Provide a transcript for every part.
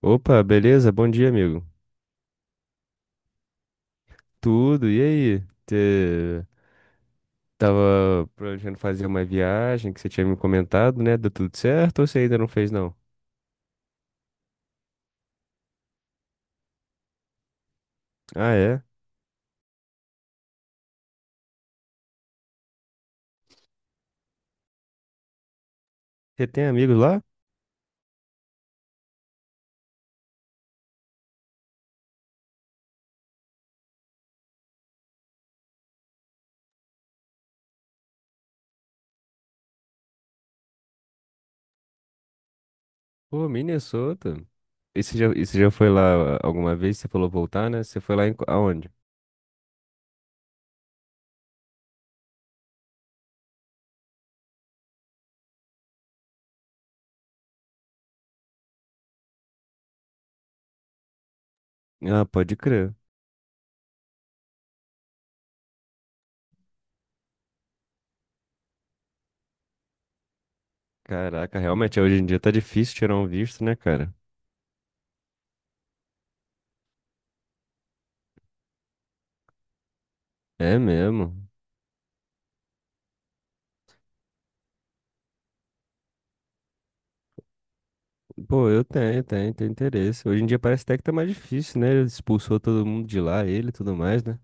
Opa, beleza? Bom dia, amigo. Tudo, e aí? Você tava planejando fazer uma viagem que você tinha me comentado, né? Deu tudo certo ou você ainda não fez, não? Ah, é? Você tem amigos lá? Pô, Minnesota. E você já foi lá alguma vez? Você falou voltar, né? Você foi lá em, aonde? Ah, pode crer. Caraca, realmente, hoje em dia tá difícil tirar um visto, né, cara? É mesmo. Pô, eu tenho interesse. Hoje em dia parece até que tá mais difícil, né? Ele expulsou todo mundo de lá, ele e tudo mais, né?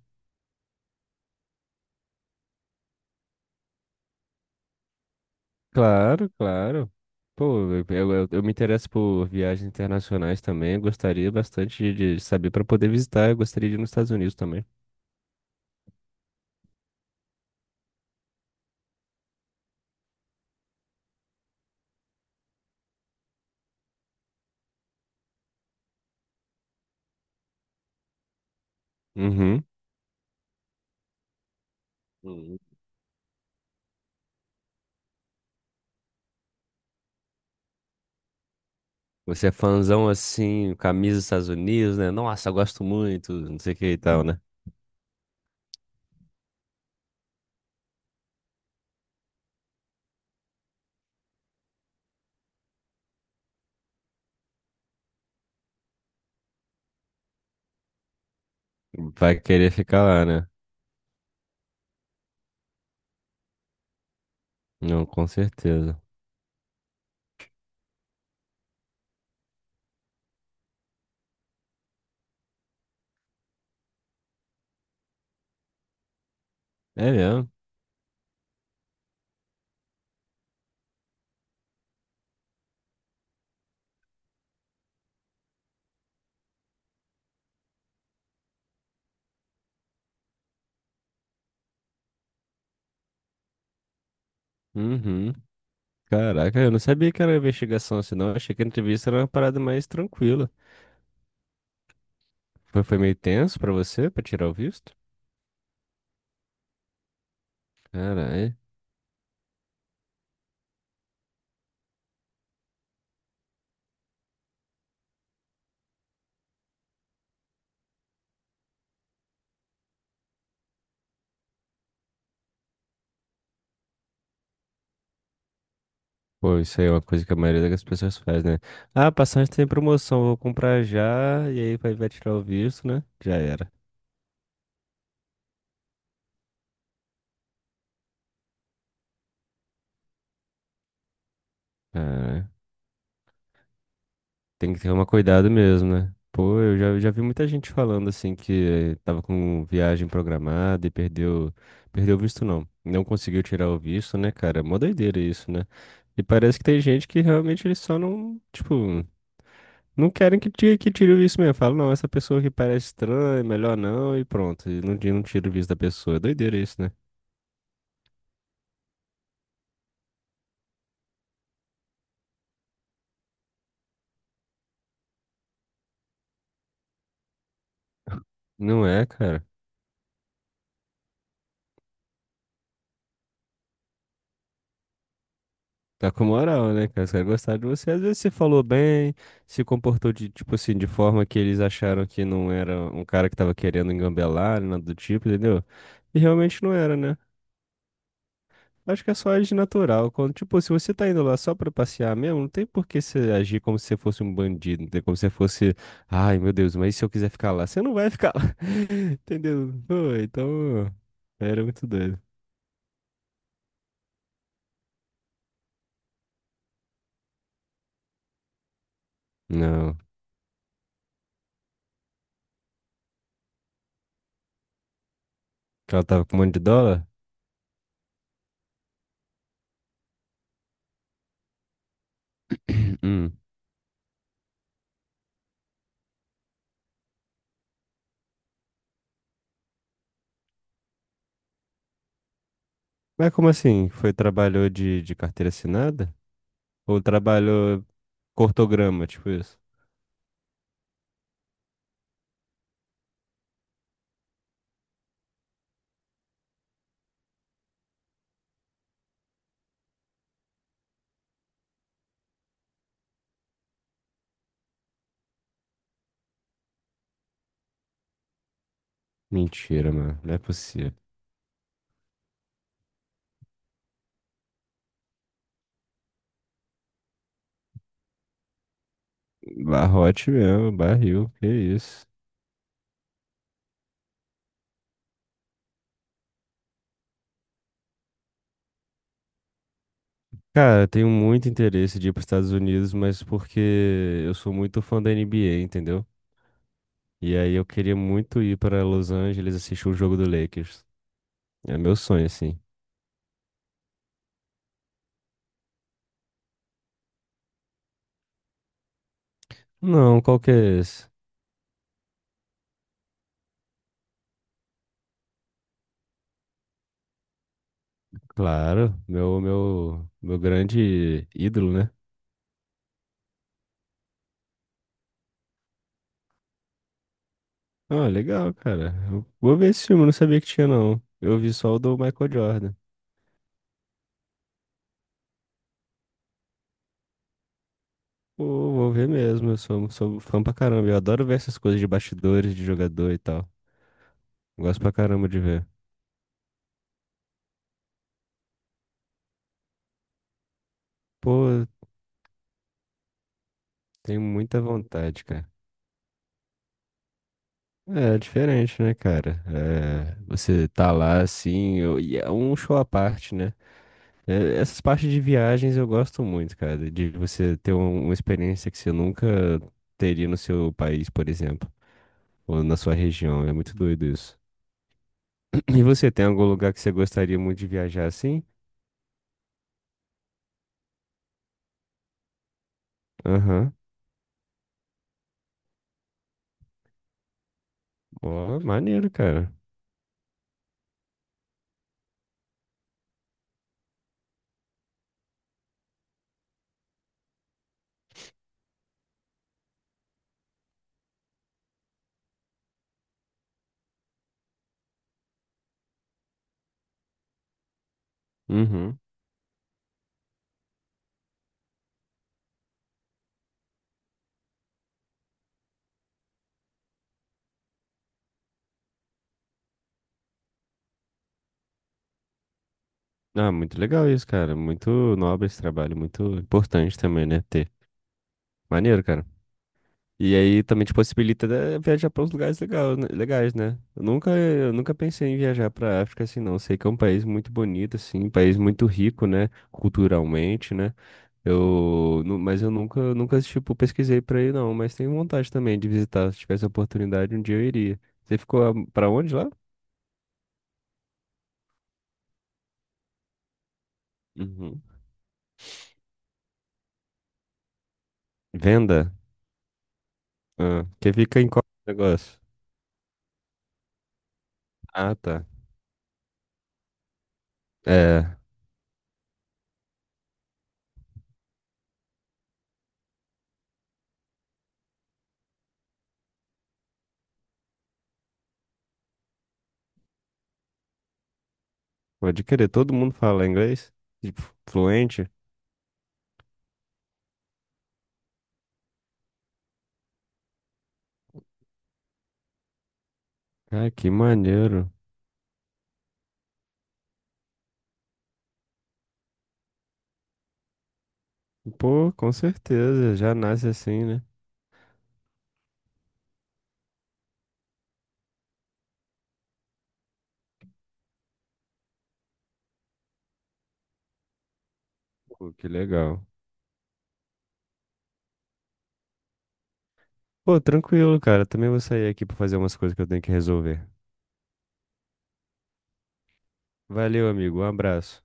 Claro, claro. Pô, me interesso por viagens internacionais também. Eu gostaria bastante de saber para poder visitar. Eu gostaria de ir nos Estados Unidos também. Uhum. Uhum. Você é fãzão assim, camisa dos Estados Unidos, né? Nossa, eu gosto muito, não sei o que e tal, né? Vai querer ficar lá, né? Não, com certeza. É mesmo? Uhum. Caraca, eu não sabia que era investigação assim, não. Eu achei que a entrevista era uma parada mais tranquila. Foi meio tenso pra você, pra tirar o visto? Caralho. Pô, isso aí é uma coisa que a maioria das pessoas faz, né? Ah, passagem tem promoção, vou comprar já, e aí vai tirar o visto, né? Já era. Tem que ter uma cuidado mesmo, né? Pô, eu já vi muita gente falando assim que tava com viagem programada e perdeu o visto não. Não conseguiu tirar o visto, né, cara? Mó doideira isso, né? E parece que tem gente que realmente eles só não, tipo, não querem que tire o visto mesmo. Falam, não, essa pessoa que parece estranha, melhor não, e pronto. E não tira o visto da pessoa. É doideira isso, né? Não é, cara. Tá com moral, né, cara? Os caras gostaram de você. Às vezes você falou bem, se comportou de, tipo assim, de forma que eles acharam que não era um cara que tava querendo engambelar, nada do tipo, entendeu? E realmente não era, né? Acho que é só agir natural. Quando, tipo, se você tá indo lá só pra passear mesmo, não tem por que você agir como se você fosse um bandido, não tem como se você fosse, ai, meu Deus, mas e se eu quiser ficar lá? Você não vai ficar lá, entendeu? Pô, então, era muito doido. Não, que ela tava com um monte de dólar? Hum. Mas como assim? Foi trabalhou de carteira assinada? Ou trabalhou cortograma, tipo isso? Mentira, mano. Não é possível. Barrote mesmo, barril, que isso. Cara, eu tenho muito interesse de ir para os Estados Unidos, mas porque eu sou muito fã da NBA, entendeu? E aí eu queria muito ir para Los Angeles assistir o jogo do Lakers. É meu sonho, assim. Não, qual que é esse? Claro, meu grande ídolo, né? Ah, legal, cara. Eu vou ver esse filme, eu não sabia que tinha, não. Eu vi só o do Michael Jordan. Pô, vou ver mesmo, eu sou fã pra caramba. Eu adoro ver essas coisas de bastidores, de jogador e tal. Gosto pra caramba de ver. Pô, tenho muita vontade, cara. É, é diferente, né, cara? É, você tá lá assim, e é um show à parte, né? É, essas partes de viagens eu gosto muito, cara. De você ter uma experiência que você nunca teria no seu país, por exemplo, ou na sua região. É muito doido isso. E você tem algum lugar que você gostaria muito de viajar assim? Aham. Ó, maneiro, cara. Uhum. Ah, muito legal isso, cara. Muito nobre esse trabalho, muito importante também, né? Ter. Maneiro, cara. E aí também te possibilita né, viajar para uns lugares legais, né? Eu nunca pensei em viajar para África assim, não. Sei que é um país muito bonito, assim, um país muito rico, né? Culturalmente, né? Eu, mas eu nunca, nunca, tipo, pesquisei pra ir, não. Mas tenho vontade também de visitar. Se tivesse a oportunidade, um dia eu iria. Você ficou pra onde lá? Uhum. Venda? Ah, que fica em qual negócio? Ah, tá. É, pode querer. Todo mundo fala inglês? Tipo, fluente? Ah, que maneiro. Pô, com certeza. Já nasce assim, né? Pô, que legal. Pô, tranquilo, cara. Também vou sair aqui pra fazer umas coisas que eu tenho que resolver. Valeu, amigo. Um abraço.